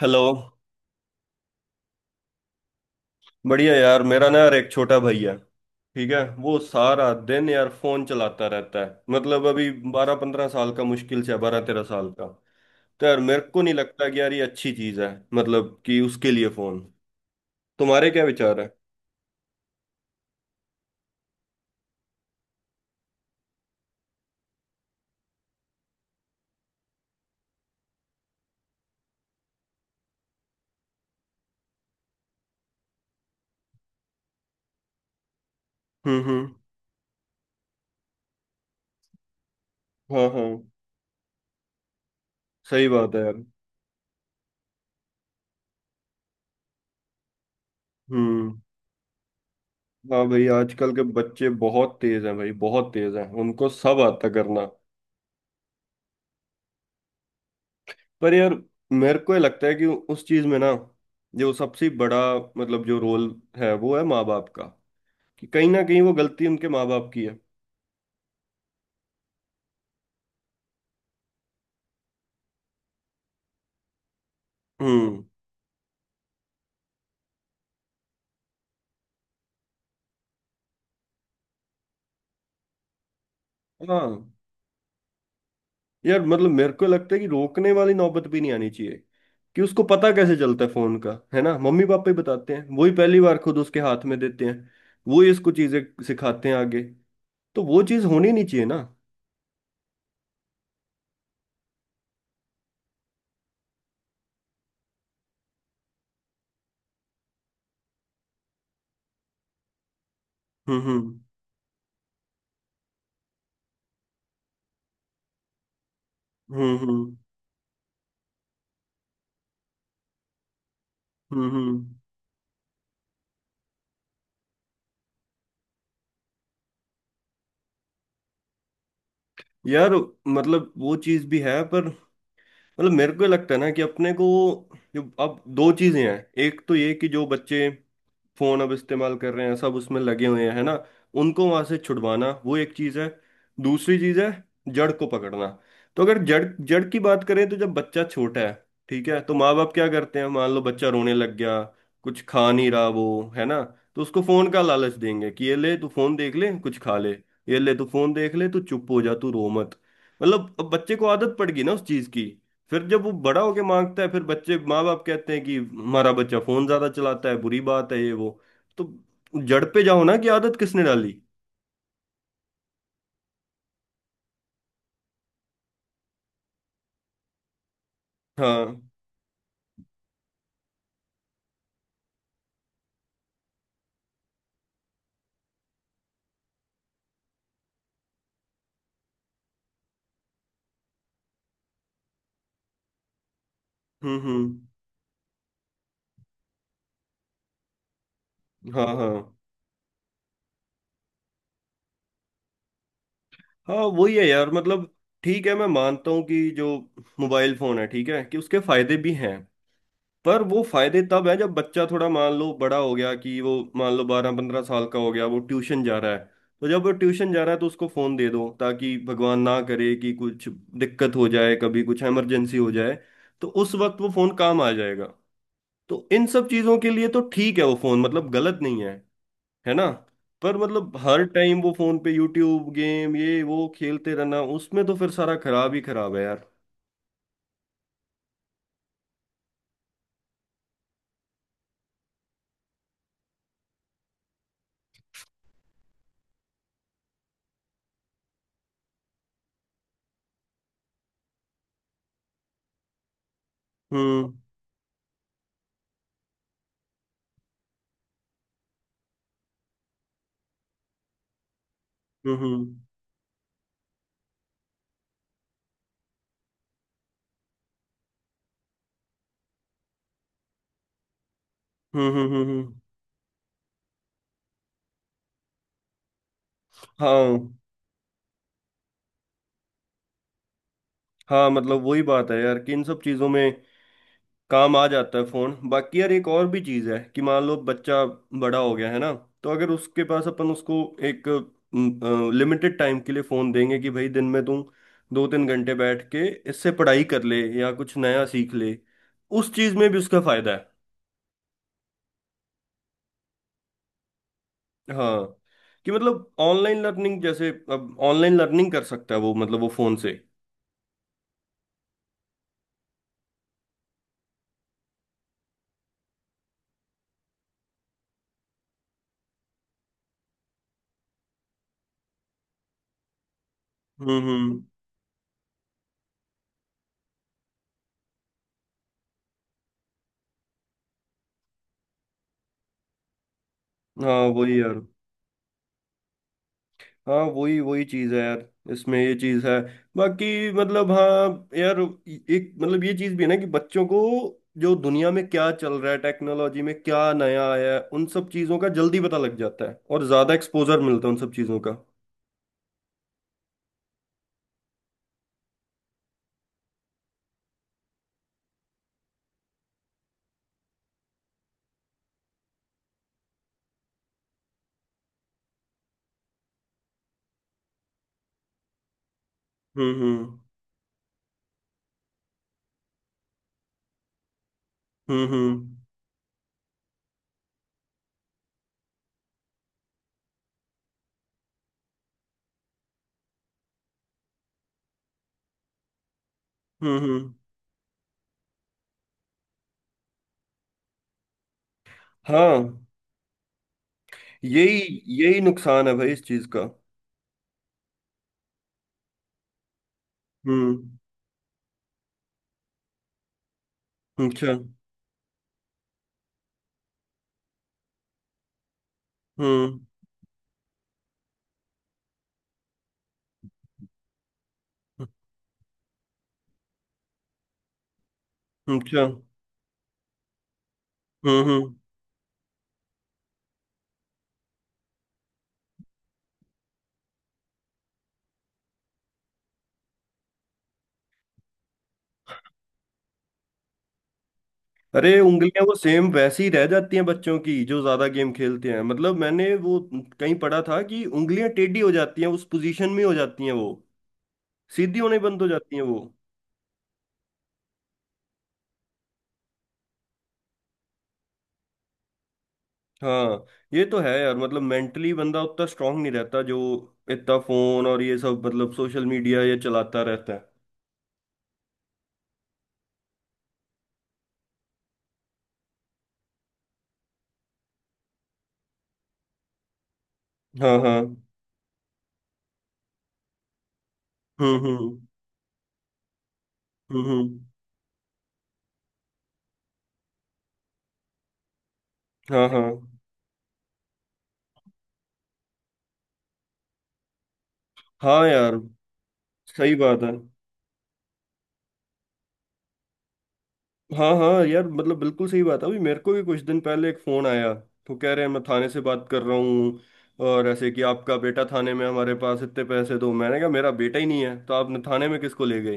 Hello. बढ़िया यार। मेरा ना, यार, एक छोटा भाई है, ठीक है? वो सारा दिन यार फोन चलाता रहता है। मतलब अभी बारह पंद्रह साल का, मुश्किल से बारह तेरह साल का। तो यार मेरे को नहीं लगता कि यार ये अच्छी चीज है, मतलब कि उसके लिए फोन। तुम्हारे क्या विचार है? हम्म। हाँ हाँ। सही बात है यार। हम्म। हाँ भाई, आजकल के बच्चे बहुत तेज हैं भाई, बहुत तेज हैं, उनको सब आता करना। पर यार, मेरे को ये लगता है कि उस चीज में ना, जो सबसे बड़ा मतलब जो रोल है वो है माँ बाप का। कि कहीं ना कहीं वो गलती उनके माँ बाप की है। हम्म। हाँ यार, मतलब मेरे को लगता है कि रोकने वाली नौबत भी नहीं आनी चाहिए। कि उसको पता कैसे चलता है फोन का, है ना? मम्मी पापा ही बताते हैं, वही पहली बार खुद उसके हाथ में देते हैं, वही इसको चीजें सिखाते हैं आगे। तो वो चीज होनी नहीं चाहिए ना। हम्म। हम्म। हम्म हम्म। यार मतलब वो चीज भी है, पर मतलब मेरे को ये लगता है ना कि अपने को, जो अब दो चीजें हैं। एक तो ये कि जो बच्चे फोन अब इस्तेमाल कर रहे हैं, सब उसमें लगे हुए हैं, है ना, उनको वहां से छुड़वाना, वो एक चीज है। दूसरी चीज है जड़ को पकड़ना। तो अगर जड़ जड़ की बात करें, तो जब बच्चा छोटा है, ठीक है, तो माँ बाप क्या करते हैं? मान लो बच्चा रोने लग गया, कुछ खा नहीं रहा वो, है ना? तो उसको फोन का लालच देंगे कि ये ले तू फोन देख ले कुछ खा ले, ये ले तू फोन देख ले तू चुप हो जा, तू रो मत। मतलब अब बच्चे को आदत पड़ गई ना उस चीज की। फिर जब वो बड़ा होके मांगता है, फिर बच्चे माँ बाप कहते हैं कि हमारा बच्चा फोन ज्यादा चलाता है, बुरी बात है ये वो। तो जड़ पे जाओ ना, कि आदत किसने डाली। हाँ। हम्म। हाँ हाँ। हाँ वही है यार, मतलब ठीक है, मैं मानता हूँ कि जो मोबाइल फोन है, ठीक है, कि उसके फायदे भी हैं। पर वो फायदे तब है जब बच्चा थोड़ा मान लो बड़ा हो गया, कि वो मान लो बारह पंद्रह साल का हो गया, वो ट्यूशन जा रहा है। तो जब वो ट्यूशन जा रहा है, तो उसको फोन दे दो, ताकि भगवान ना करे कि कुछ दिक्कत हो जाए, कभी कुछ इमरजेंसी हो जाए। तो उस वक्त वो फोन काम आ जाएगा। तो इन सब चीजों के लिए तो ठीक है, वो फोन मतलब गलत नहीं है, है ना? पर मतलब हर टाइम वो फोन पे यूट्यूब गेम ये वो खेलते रहना, उसमें तो फिर सारा खराब ही खराब है यार। हम्म हम्म। हम्म। हाँ हाँ। मतलब वही बात है यार, कि इन सब चीज़ों में काम आ जाता है फ़ोन। बाकी यार एक और भी चीज़ है, कि मान लो बच्चा बड़ा हो गया, है ना? तो अगर उसके पास अपन उसको एक लिमिटेड टाइम के लिए फ़ोन देंगे कि भाई दिन में तू दो तीन घंटे बैठ के इससे पढ़ाई कर ले या कुछ नया सीख ले। उस चीज़ में भी उसका फ़ायदा है। हाँ, कि मतलब ऑनलाइन लर्निंग, जैसे अब ऑनलाइन लर्निंग कर सकता है वो, मतलब वो फ़ोन से। हम्म। हाँ वही यार। हाँ वही वही चीज है यार, इसमें ये चीज है। बाकी मतलब हाँ यार। एक मतलब ये चीज भी है ना, कि बच्चों को, जो दुनिया में क्या चल रहा है, टेक्नोलॉजी में क्या नया आया है, उन सब चीजों का जल्दी पता लग जाता है और ज्यादा एक्सपोजर मिलता है उन सब चीजों का। हम्म। हम्म। हम्म हम्म। हाँ। यही यही नुकसान है भाई इस चीज का। हम्म। अच्छा। हम्म। अच्छा। हम्म। अरे, उंगलियां वो सेम वैसी रह जाती हैं बच्चों की जो ज्यादा गेम खेलते हैं, मतलब मैंने वो कहीं पढ़ा था कि उंगलियां टेढ़ी हो जाती हैं, उस पोजीशन में हो जाती हैं वो, सीधी होने बंद हो जाती हैं वो। हाँ ये तो है यार, मतलब मेंटली बंदा उतना स्ट्रांग नहीं रहता जो इतना फोन और ये सब मतलब सोशल मीडिया ये चलाता रहता है। हाँ हाँ। हम्म। हम्म। हाँ हाँ। हाँ यार सही बात है। हाँ हाँ यार, मतलब बिल्कुल सही बात है। अभी मेरे को भी कुछ दिन पहले एक फोन आया, तो कह रहे हैं मैं थाने से बात कर रहा हूँ, और ऐसे कि आपका बेटा थाने में, हमारे पास इतने पैसे दो। मैंने कहा मेरा बेटा ही नहीं है, तो आपने थाने में किसको ले गए?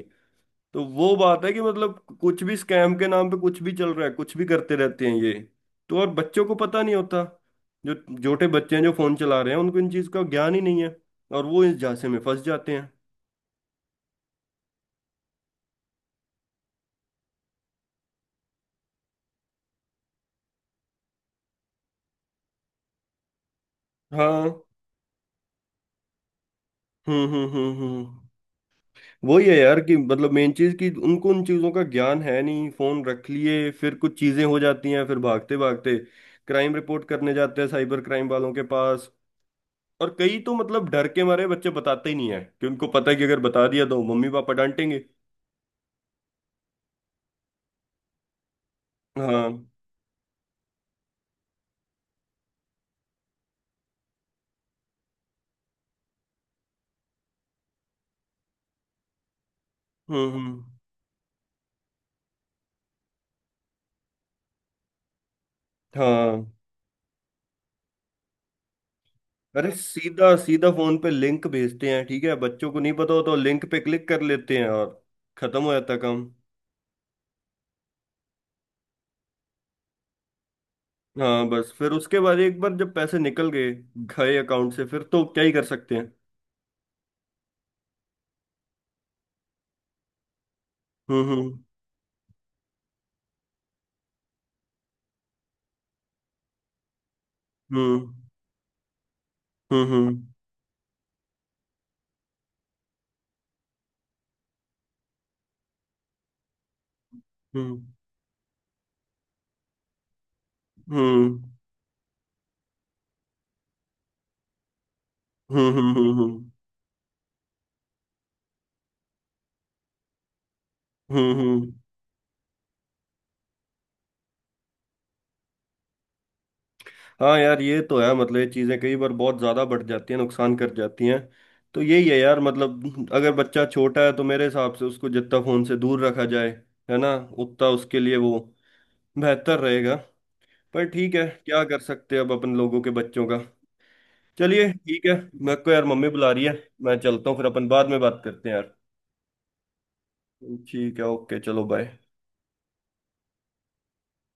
तो वो बात है कि मतलब कुछ भी स्कैम के नाम पे कुछ भी चल रहा है, कुछ भी करते रहते हैं ये। तो और बच्चों को पता नहीं होता, जो छोटे बच्चे हैं जो फोन चला रहे हैं, उनको इन चीज का ज्ञान ही नहीं है, और वो इस झांसे में फंस जाते हैं। हाँ। हम्म। हम्म। वही है यार, कि मतलब मेन चीज कि उनको उन चीजों का ज्ञान है नहीं, फोन रख लिए, फिर कुछ चीजें हो जाती हैं, फिर भागते भागते क्राइम रिपोर्ट करने जाते हैं, साइबर क्राइम वालों के पास। और कई तो मतलब डर के मारे बच्चे बताते ही नहीं है, कि उनको पता है कि अगर बता दिया तो मम्मी पापा डांटेंगे। हाँ। हम्म हम्म, हाँ। अरे सीधा सीधा फोन पे लिंक भेजते हैं, ठीक है, बच्चों को नहीं पता होता, लिंक पे क्लिक कर लेते हैं, और खत्म हो जाता काम। हाँ, बस फिर उसके बाद एक बार जब पैसे निकल गए गए अकाउंट से, फिर तो क्या ही कर सकते हैं। हम्म हम्म। हम्म। हम्म हम्म। हम्म। हम्म, हम्म। हाँ यार, ये तो है, मतलब ये चीजें कई बार बहुत ज्यादा बढ़ जाती हैं, नुकसान कर जाती हैं। तो यही है यार, मतलब अगर बच्चा छोटा है, तो मेरे हिसाब से उसको जितना फोन से दूर रखा जाए, है ना, उतना उसके लिए वो बेहतर रहेगा। पर ठीक है, क्या कर सकते हैं अब अपन लोगों के बच्चों का। चलिए ठीक है। मेरे को यार मम्मी बुला रही है, मैं चलता हूँ, फिर अपन बाद में बात करते हैं यार। ठीक है, ओके, चलो, बाय।